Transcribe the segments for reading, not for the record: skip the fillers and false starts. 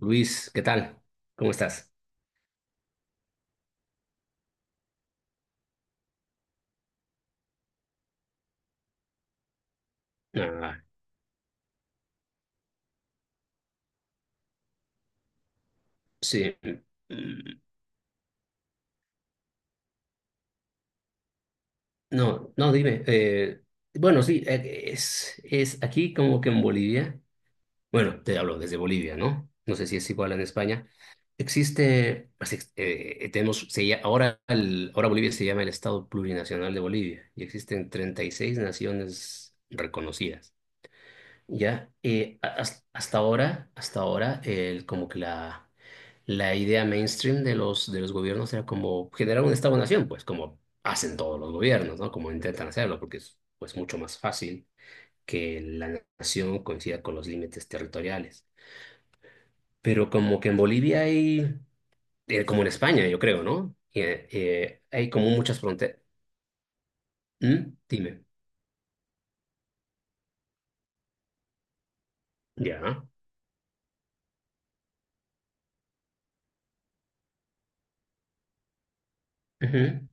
Luis, ¿qué tal? ¿Cómo estás? Ah, sí. Mm, No, no, dime. Bueno, sí, es aquí como que en Bolivia. Bueno, te hablo desde Bolivia, ¿no? No sé si es igual en España. Existe, pues, tenemos, ahora, ahora Bolivia se llama el Estado Plurinacional de Bolivia y existen 36 naciones reconocidas. Ya, hasta ahora, el, como que la idea mainstream de de los gobiernos era como generar un Estado-nación, pues como hacen todos los gobiernos, ¿no? Como intentan hacerlo, porque es, pues, mucho más fácil que la nación coincida con los límites territoriales. Pero como que en Bolivia hay, como en España, yo creo, ¿no? Hay como muchas fronteras. Dime. Ya. Ujú.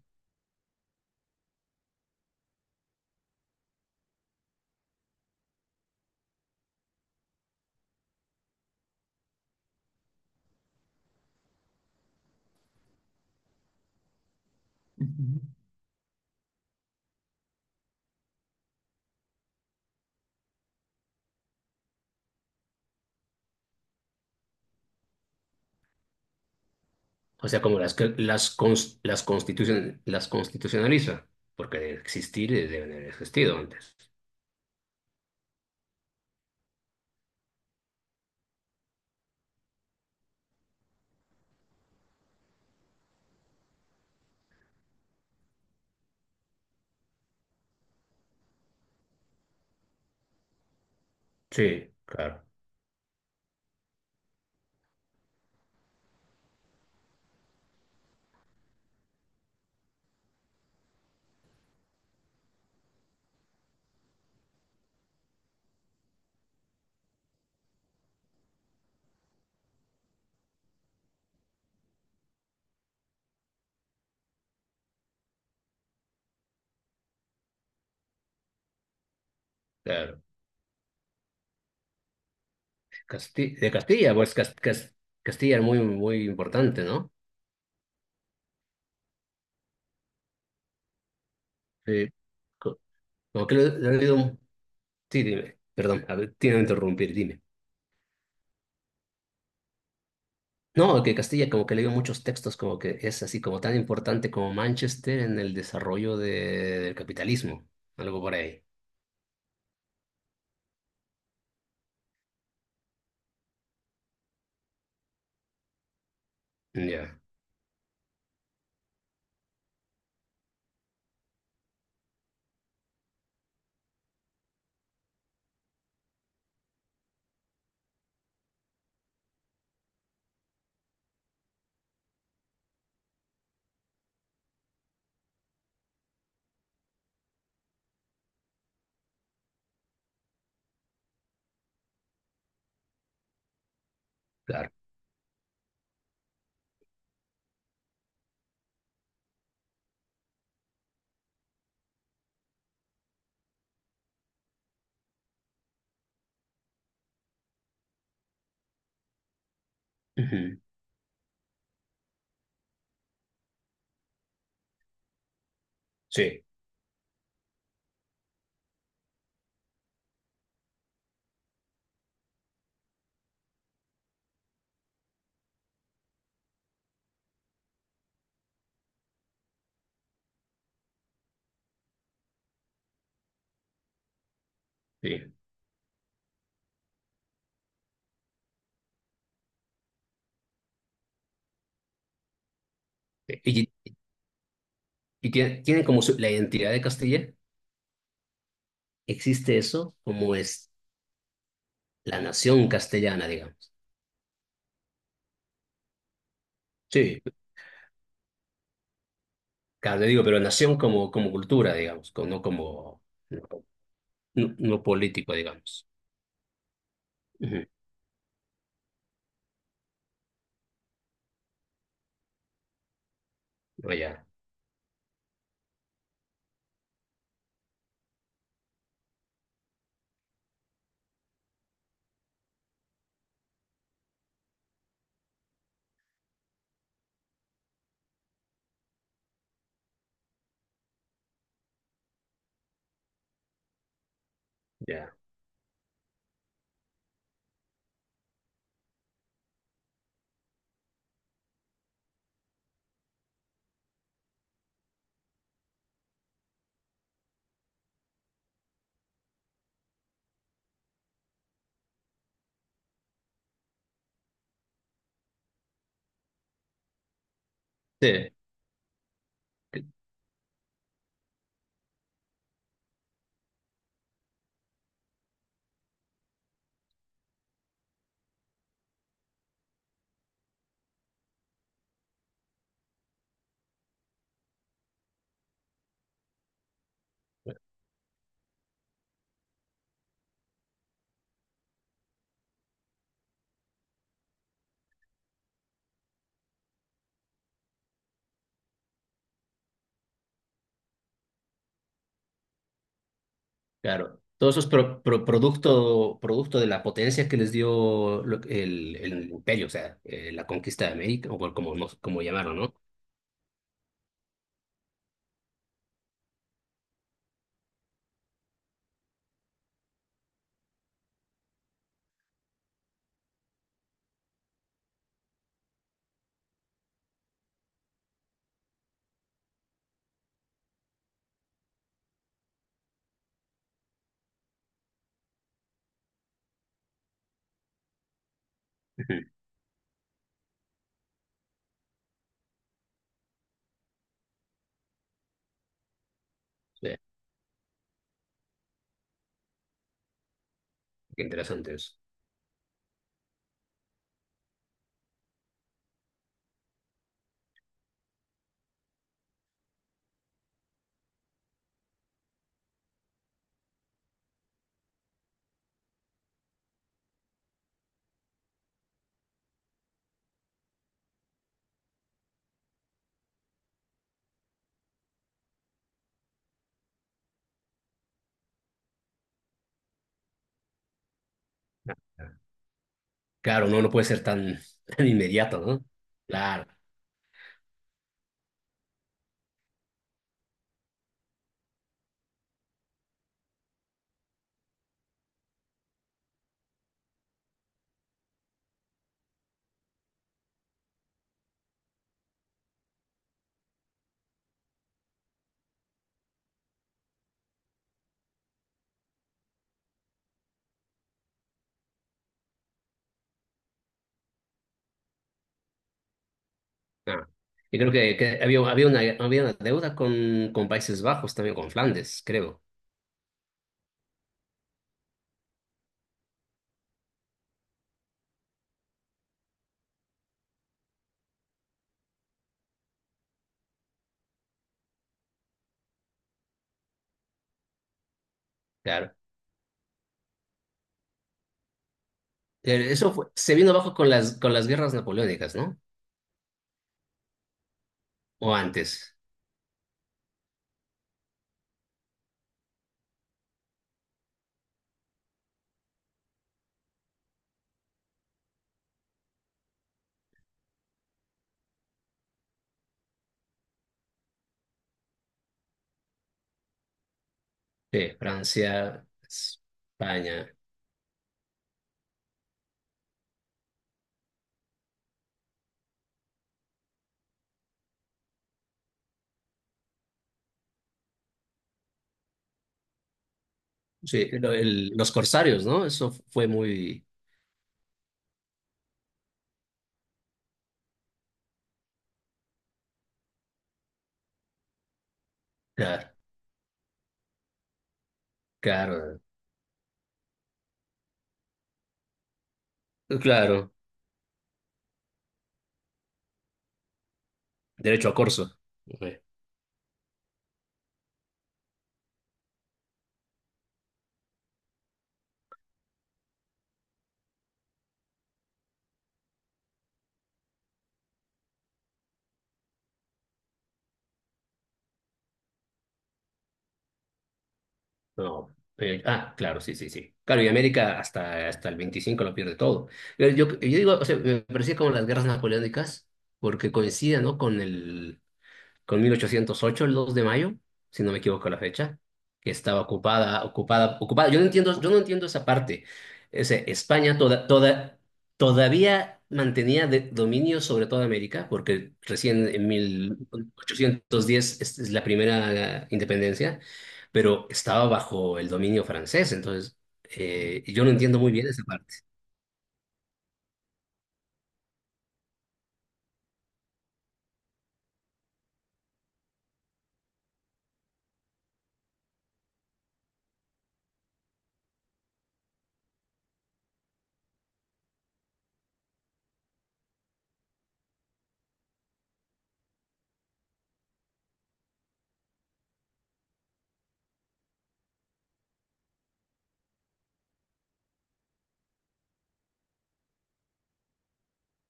Ujú. O sea, como las, las constitucionaliza, porque de existir, deben haber existido antes. Sí, claro, claro. De Castilla, pues Castilla es muy, muy importante, ¿no? Sí. Co- Como que le han leído... Sí, dime, perdón, a ver, tiene que interrumpir, dime. No, que Castilla como que le dio muchos textos, como que es así como tan importante como Manchester en el desarrollo del capitalismo, algo por ahí. Ya, claro. Ujú. Sí, sí, sí. Y tiene, tiene como la identidad de Castilla, existe eso como es la nación castellana, digamos. Sí. Claro, te digo, pero nación como, como cultura, digamos, como, no como, no, no no político, digamos. Ujú. No, ya, ya. Sí, c- claro. Todo eso es producto, producto de la potencia que les dio el imperio, o sea, la conquista de América, o como, no, como llamarlo, ¿no? Ujú. Sí, qué interesante eso. Claro, no, no puede ser tan, tan inmediato, ¿no? Claro. Ah. Y creo que había, había una deuda con Países Bajos, también con Flandes, creo. Claro. Se vino abajo con las guerras napoleónicas, ¿no? O antes. Sí, Francia, España. Sí, los corsarios, ¿no? Eso fue muy claro. Claro, claro. Derecho a corso. Sí. No. Claro, sí, sí, sí. Claro, y América hasta, hasta el 25 lo pierde todo. Yo digo, o sea, me parecía como las guerras napoleónicas, porque coincidía, ¿no? Con el, con 1808, el 2 de mayo, si no me equivoco la fecha, que estaba ocupada, ocupada, ocupada. Yo no entiendo esa parte. Ese, España toda, toda, todavía mantenía dominio sobre toda América, porque recién en 1810 es la primera independencia, pero estaba bajo el dominio francés. Entonces, yo no entiendo muy bien esa parte.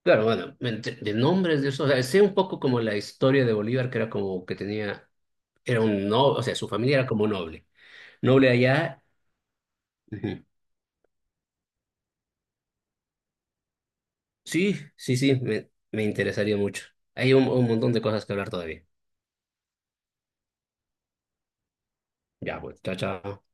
Claro, bueno, de nombres de eso, o sea, sé un poco como la historia de Bolívar, que era como que tenía... Era un noble, o sea, su familia era como noble. Noble allá. Ujú. Sí, sí, sí, me interesaría mucho. Hay un montón de cosas que hablar todavía. Ya, pues, chao, chao.